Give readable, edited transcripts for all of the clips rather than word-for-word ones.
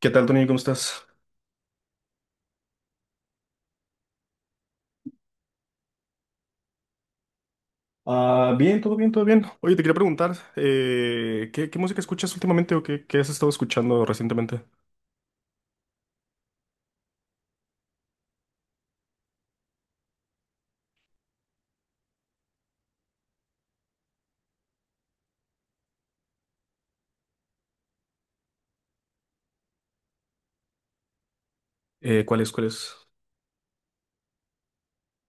¿Qué tal, Tony? ¿Cómo estás? Ah, bien, todo bien, todo bien. Oye, te quería preguntar, ¿qué música escuchas últimamente o qué has estado escuchando recientemente? ¿Cuál es?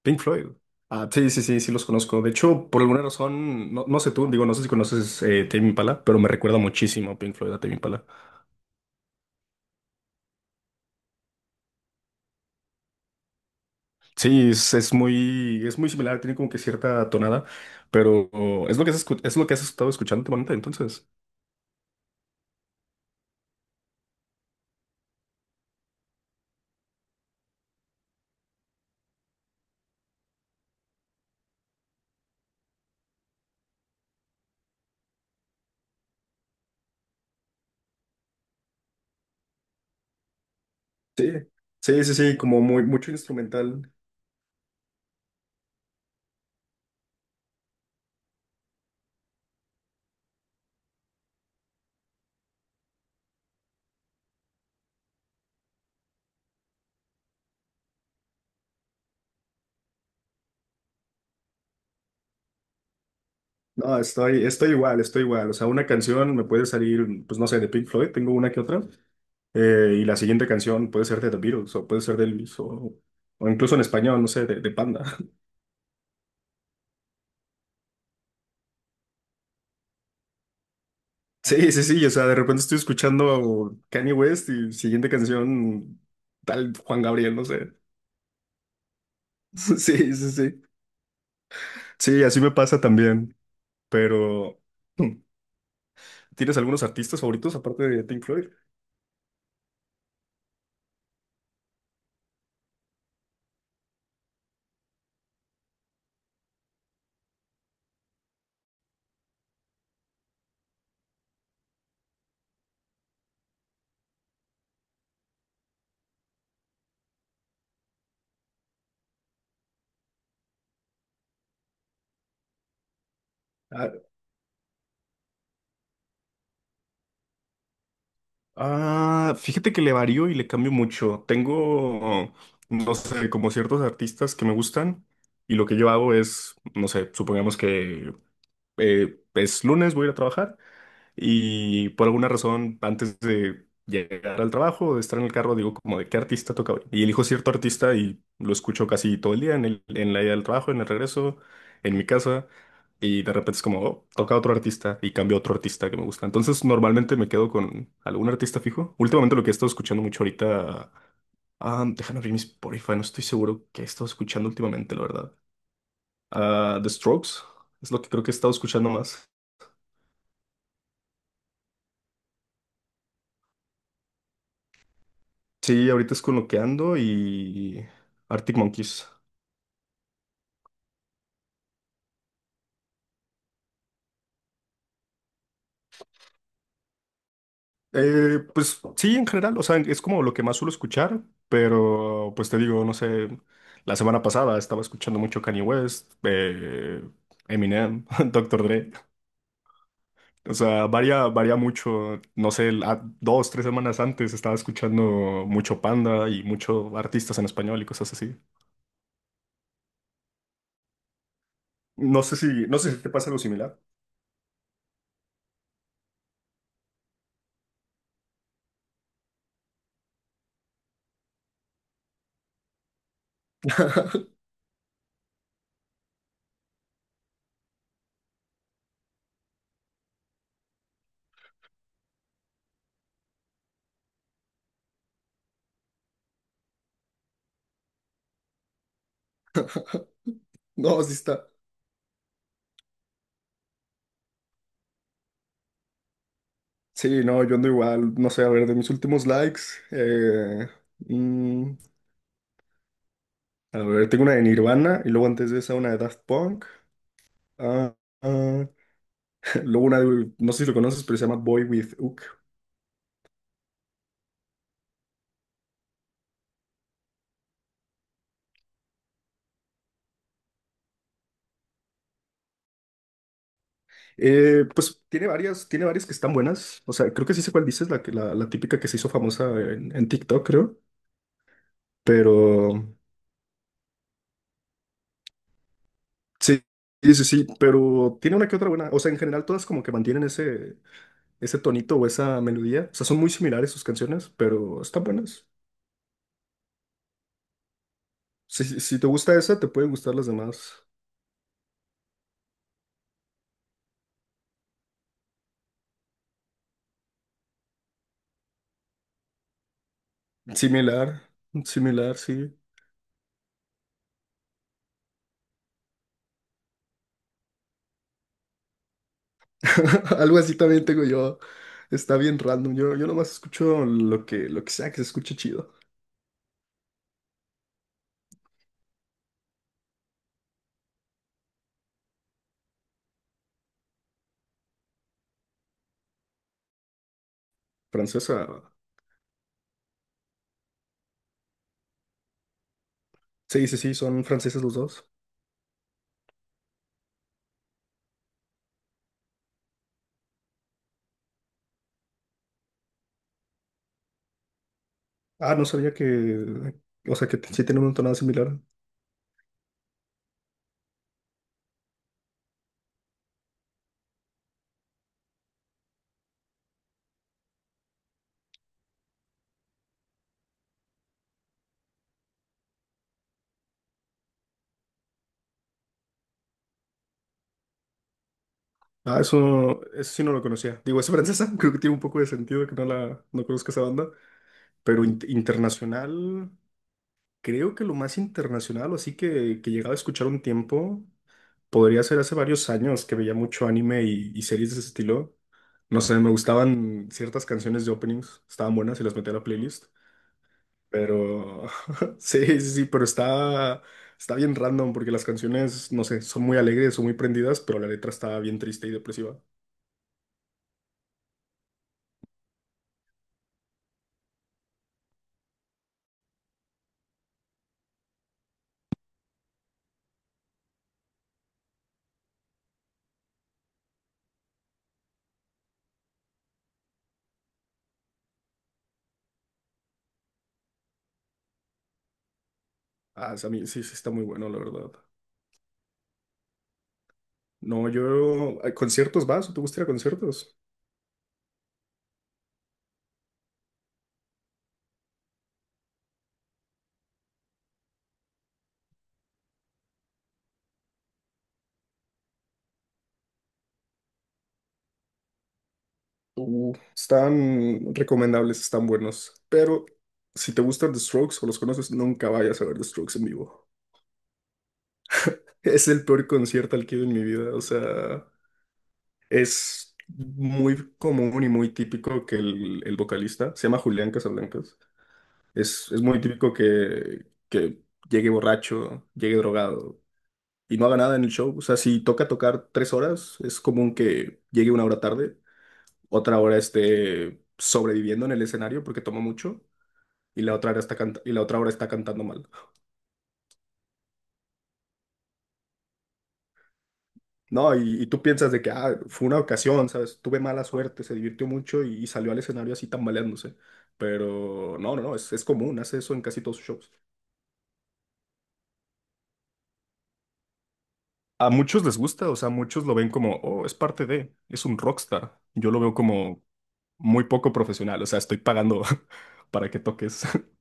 Pink Floyd. Ah, sí, sí, sí, sí los conozco. De hecho, por alguna razón, no sé tú, digo, no sé si conoces Tame Impala, pero me recuerda muchísimo a Pink Floyd, a Tame Impala. Sí, es muy, es muy similar, tiene como que cierta tonada, pero oh, es lo que has, es lo que has estado escuchando últimamente, entonces. Sí, sí, sí, sí, como muy, mucho instrumental. No, estoy igual, estoy igual. O sea, una canción me puede salir, pues no sé, de Pink Floyd, tengo una que otra. Y la siguiente canción puede ser de The Beatles o puede ser de Elvis o incluso en español, no sé, de Panda. Sí, sí, sí. O sea, de repente estoy escuchando Kanye West y siguiente canción tal Juan Gabriel, no sé. Sí, sí, sí. Sí, así me pasa también. Pero, hmm, ¿tienes algunos artistas favoritos aparte de Pink Floyd? Ah, Ah, fíjate que le varío y le cambio mucho. Tengo, no sé, como ciertos artistas que me gustan y lo que yo hago es, no sé, supongamos que es lunes, voy a ir a trabajar y por alguna razón, antes de llegar al trabajo, de estar en el carro, digo como de qué artista toca hoy. Y elijo cierto artista y lo escucho casi todo el día en en la ida del trabajo, en el regreso, en mi casa. Y de repente es como, oh, toca otro artista y cambio a otro artista que me gusta. Entonces normalmente me quedo con algún artista fijo. Últimamente lo que he estado escuchando mucho ahorita, ah, déjame abrir mi Spotify, no estoy seguro qué he estado escuchando últimamente, la verdad. Ah, The Strokes es lo que creo que he estado escuchando más. Sí, ahorita es con lo que ando y Arctic Monkeys. Pues sí, en general, o sea, es como lo que más suelo escuchar, pero pues te digo, no sé, la semana pasada estaba escuchando mucho Kanye West, Eminem, Doctor Dre, o sea, varía, varía mucho, no sé, dos, tres semanas antes estaba escuchando mucho Panda y mucho artistas en español y cosas así. No sé si, no sé si te pasa algo similar. No, sí está. Sí, no, yo ando igual, no sé, a ver, de mis últimos likes, eh, mm, a ver, tengo una de Nirvana y luego antes de esa una de Daft Punk, ah, ah, luego una de, no sé si lo conoces, pero se llama Boy With Hook. Pues tiene varias que están buenas, o sea, creo que sí sé cuál dices, la, la, la típica que se hizo famosa en TikTok, creo, pero sí, sí, sí, sí, pero tiene una que otra buena, o sea, en general todas como que mantienen ese, ese tonito o esa melodía, o sea, son muy similares sus canciones, pero están buenas. Si, si si te gusta esa, te pueden gustar las demás. Similar, similar, sí. Algo así también tengo yo. Está bien random. Yo nomás escucho lo que sea que se escuche chido. Francesa. Sí, sí, sí, son franceses los dos. Ah, no sabía que. O sea, que sí tienen una tonada similar. Ah, eso sí no lo conocía. Digo, es francesa. Creo que tiene un poco de sentido que no la no conozca esa banda. Pero internacional. Creo que lo más internacional, o así que llegaba a escuchar un tiempo. Podría ser hace varios años que veía mucho anime y series de ese estilo. No sé, me gustaban ciertas canciones de openings, estaban buenas y las metí a la playlist. Pero sí, sí, sí, pero está, está bien random porque las canciones, no sé, son muy alegres, son muy prendidas, pero la letra está bien triste y depresiva. Ah, o sea, a mí sí, sí está muy bueno, la verdad. No, yo, ¿a conciertos vas? ¿O ¿te gusta ir a conciertos? Están recomendables, están buenos, pero si te gustan The Strokes o los conoces, nunca vayas a ver The Strokes en vivo. Es el peor concierto al que he ido en mi vida. O sea, es muy común y muy típico que el vocalista, se llama Julián Casablancas, es muy típico que llegue borracho, llegue drogado y no haga nada en el show. O sea, si toca tocar tres horas, es común que llegue una hora tarde, otra hora esté sobreviviendo en el escenario porque toma mucho y la otra hora está cantando mal. No, y tú piensas de que ah, fue una ocasión, ¿sabes? Tuve mala suerte, se divirtió mucho y salió al escenario así tambaleándose. Pero no, no, no, es común, hace eso en casi todos sus shows. A muchos les gusta, o sea, muchos lo ven como, oh, es parte de, es un rockstar. Yo lo veo como muy poco profesional, o sea, estoy pagando para que toques.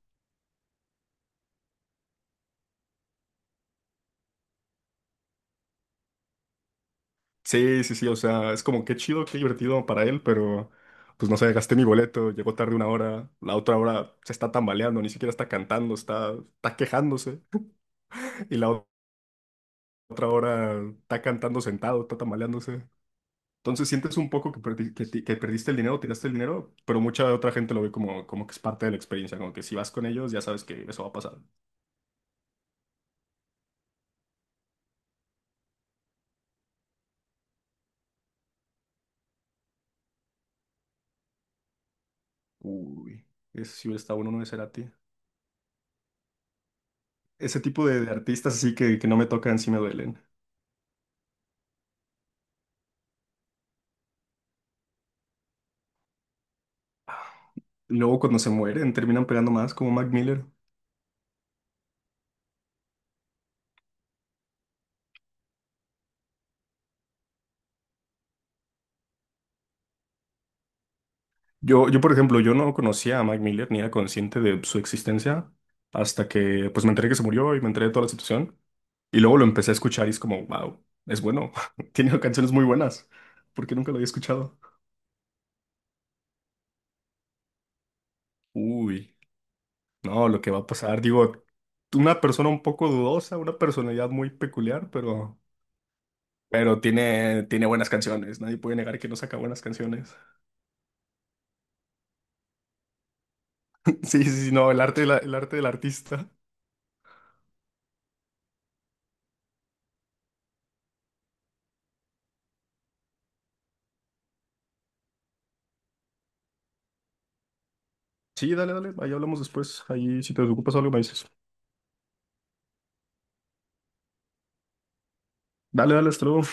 Sí, sí, sí, o sea, es como qué chido, qué divertido para él, pero pues no sé, gasté mi boleto, llegó tarde una hora, la otra hora se está tambaleando, ni siquiera está cantando, está, está quejándose. Y la otra hora está cantando sentado, está tamaleándose. Entonces sientes un poco que, que perdiste el dinero, tiraste el dinero, pero mucha otra gente lo ve como, como que es parte de la experiencia, como que si vas con ellos ya sabes que eso va a pasar. Uy, ese sí hubiera estado bueno no de Cerati. Ese tipo de artistas así que no me tocan, sí me duelen. Luego cuando se mueren terminan pegando más como Mac Miller. Por ejemplo, yo no conocía a Mac Miller ni era consciente de su existencia hasta que pues me enteré que se murió y me enteré de toda la situación. Y luego lo empecé a escuchar y es como, wow, es bueno, tiene canciones muy buenas. ¿Por qué nunca lo había escuchado? Uy, no, lo que va a pasar, digo, una persona un poco dudosa, una personalidad muy peculiar, pero tiene, tiene buenas canciones, nadie puede negar que no saca buenas canciones. Sí, sí, sí, no, el arte, el arte del artista. Sí, dale, dale, ahí hablamos después, ahí si te ocupas algo me dices. Dale, dale, hasta luego.